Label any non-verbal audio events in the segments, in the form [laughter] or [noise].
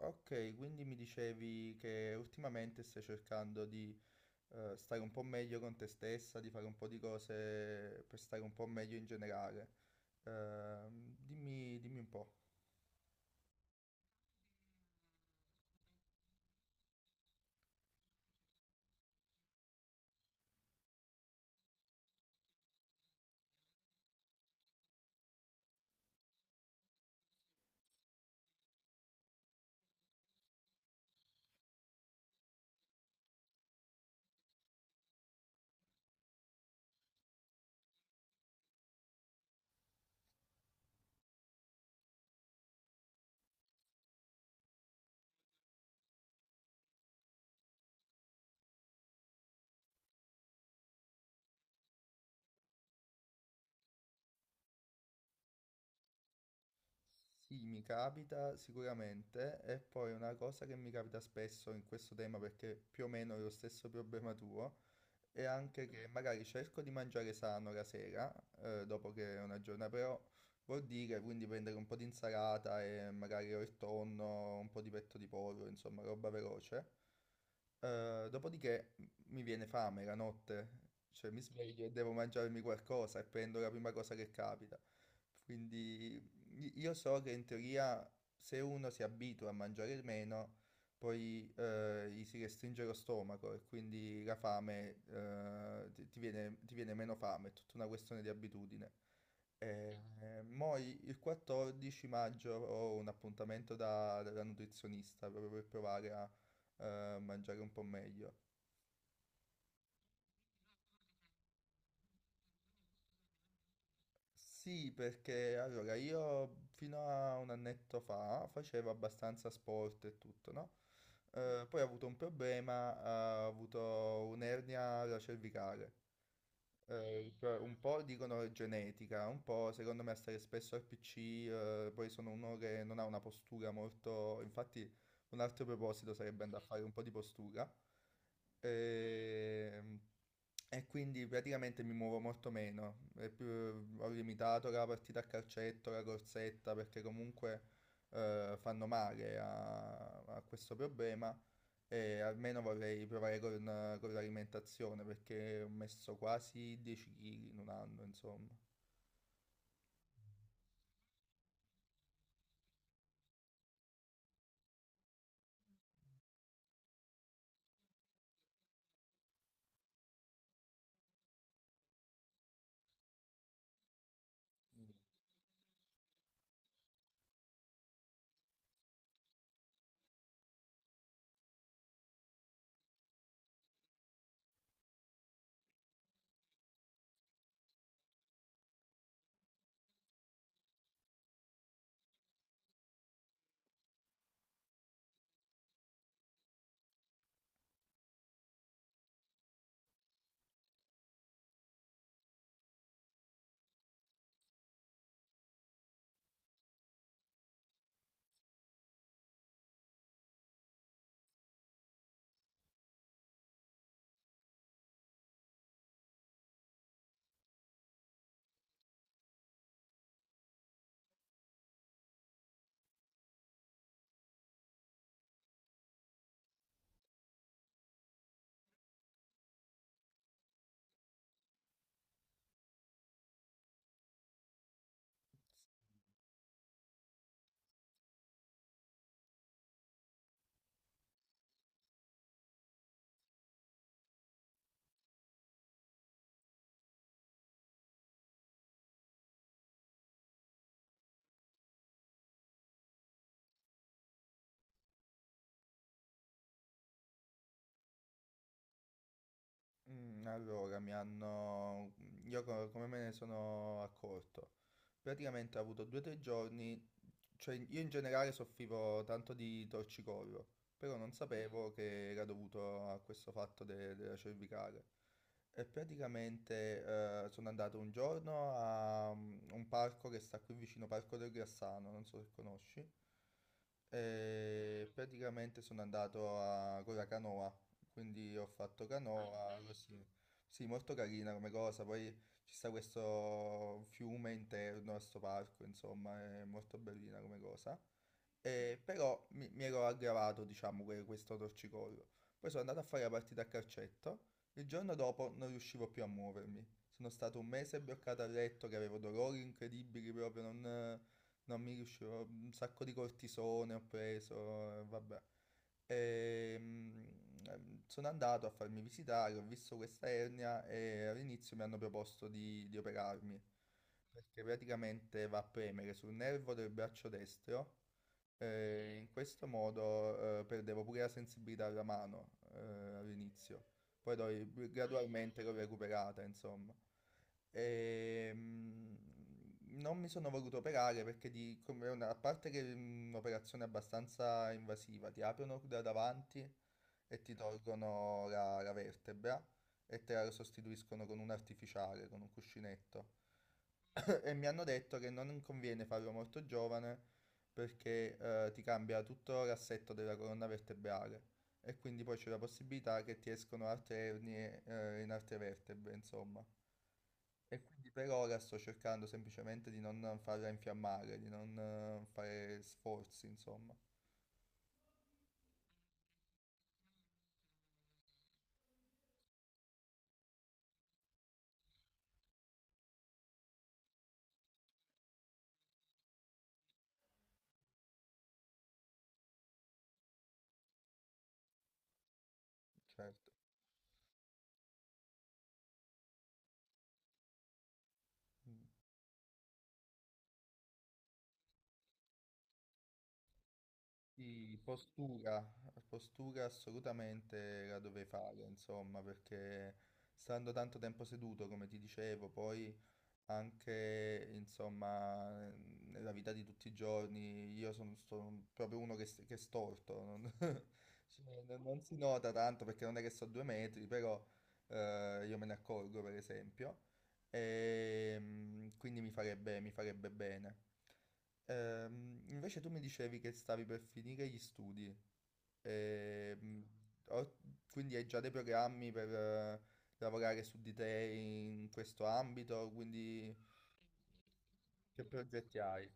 Ok, quindi mi dicevi che ultimamente stai cercando di stare un po' meglio con te stessa, di fare un po' di cose per stare un po' meglio in generale. Dimmi, dimmi un po'. Sì, mi capita sicuramente, e poi una cosa che mi capita spesso in questo tema, perché più o meno è lo stesso problema tuo, e anche che magari cerco di mangiare sano la sera, dopo che è una giornata, però vuol dire quindi prendere un po' di insalata e magari o il tonno, un po' di petto di pollo, insomma, roba veloce. Dopodiché mi viene fame la notte, cioè mi sveglio e devo mangiarmi qualcosa e prendo la prima cosa che capita. Quindi io so che in teoria se uno si abitua a mangiare meno, poi gli si restringe lo stomaco e quindi la fame, ti viene meno fame, è tutta una questione di abitudine. Eh, il 14 maggio ho un appuntamento dalla nutrizionista proprio per provare a mangiare un po' meglio. Sì, perché allora io fino a un annetto fa facevo abbastanza sport e tutto, no? Poi ho avuto un problema, ho avuto un'ernia alla cervicale. Cioè, un po' dicono è genetica, un po' secondo me stare spesso al PC, poi sono uno che non ha una postura molto... Infatti un altro proposito sarebbe andare a fare un po' di postura. E, e quindi praticamente mi muovo molto meno. Ho limitato la partita a calcetto, la corsetta, perché comunque fanno male a questo problema. E almeno vorrei provare con l'alimentazione perché ho messo quasi 10 kg in un anno, insomma. Allora, mi hanno... Io come me ne sono accorto? Praticamente ho avuto due o tre giorni. Cioè, io in generale soffrivo tanto di torcicollo, però non Mm. sapevo che era dovuto a questo della cervicale. E praticamente sono andato un giorno a un parco che sta qui vicino, Parco del Grassano, non so se conosci. E Mm, praticamente sono andato con la canoa, quindi ho fatto Ah, canoa, così. Bello. Sì, molto carina come cosa, poi ci sta questo fiume interno a questo parco, insomma, è molto bellina come cosa. Però mi ero aggravato, diciamo, questo torcicollo. Poi sono andato a fare la partita a calcetto. Il giorno dopo non riuscivo più a muovermi. Sono stato un mese bloccato a letto che avevo dolori incredibili proprio, non mi riuscivo. Un sacco di cortisone ho preso, vabbè. E, mm, Sono andato a farmi visitare, ho visto questa ernia e all'inizio mi hanno proposto di operarmi perché praticamente va a premere sul nervo del braccio destro e in questo modo perdevo pure la sensibilità alla mano, all'inizio, poi gradualmente l'ho recuperata, insomma. E, mm, Non mi sono voluto operare perché a parte che è un'operazione abbastanza invasiva, ti aprono da davanti e ti tolgono la vertebra e te la sostituiscono con un artificiale, con un cuscinetto. [coughs] [clears throat] E mi hanno detto che non conviene farlo molto giovane perché ti cambia tutto l'assetto della colonna vertebrale e quindi poi c'è la possibilità che ti escono altre ernie in altre vertebre, insomma. E quindi per ora sto cercando semplicemente di non farla infiammare, di non fare sforzi, insomma. Certo. Mm. Sì, postura, postura assolutamente la dovrei fare, insomma, perché stando tanto tempo seduto, come ti dicevo, poi anche insomma nella vita di tutti i giorni io sono proprio uno che, che è storto, non, [laughs] cioè, non si nota tanto perché non è che sto due metri, però io me ne accorgo, per esempio. Quindi mi farebbe bene. Invece tu mi dicevi che stavi per finire gli studi. Ehm, ho- quindi hai già dei programmi per lavorare su di te in questo ambito, quindi che progetti hai?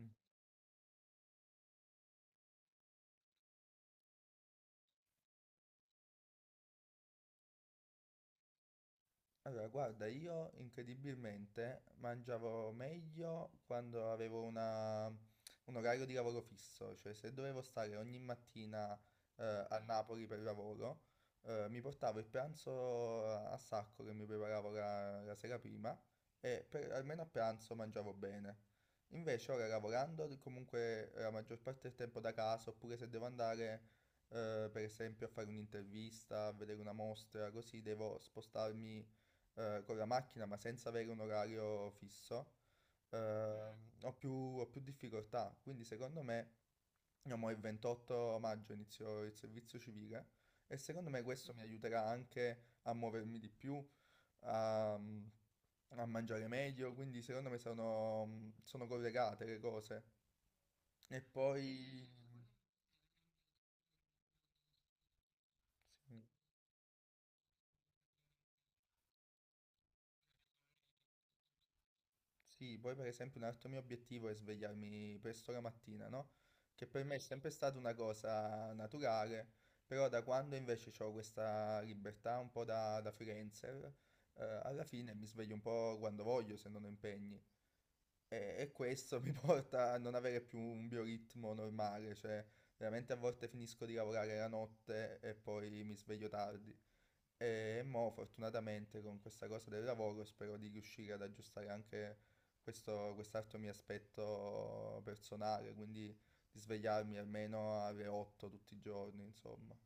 Mm. Allora, guarda, io incredibilmente mangiavo meglio quando avevo un orario di lavoro fisso, cioè se dovevo stare ogni mattina a Napoli per lavoro, mi portavo il pranzo a sacco che mi preparavo la sera prima e almeno a pranzo mangiavo bene. Invece ora lavorando comunque la maggior parte del tempo da casa, oppure se devo andare, per esempio, a fare un'intervista, a vedere una mostra, così, devo spostarmi con la macchina ma senza avere un orario fisso, eh, ho più difficoltà. Quindi secondo me, io mo il 28 maggio inizio il servizio civile e secondo me questo mi aiuterà anche a muovermi di più, a mangiare meglio, quindi secondo me sono collegate le cose. E poi... Sì, Sì, poi per esempio un altro mio obiettivo è svegliarmi presto la mattina, no? Che per me è sempre stata una cosa naturale, però da quando invece ho questa libertà un po' da freelancer, alla fine mi sveglio un po' quando voglio, se non ho impegni. E questo [laughs] mi porta a non avere più un bioritmo normale, cioè veramente a volte finisco di lavorare la notte e poi mi sveglio tardi. E mo, fortunatamente, con questa cosa del lavoro spero di riuscire ad aggiustare anche questo, quest'altro mio aspetto personale, quindi di svegliarmi almeno alle 8 tutti i giorni, insomma.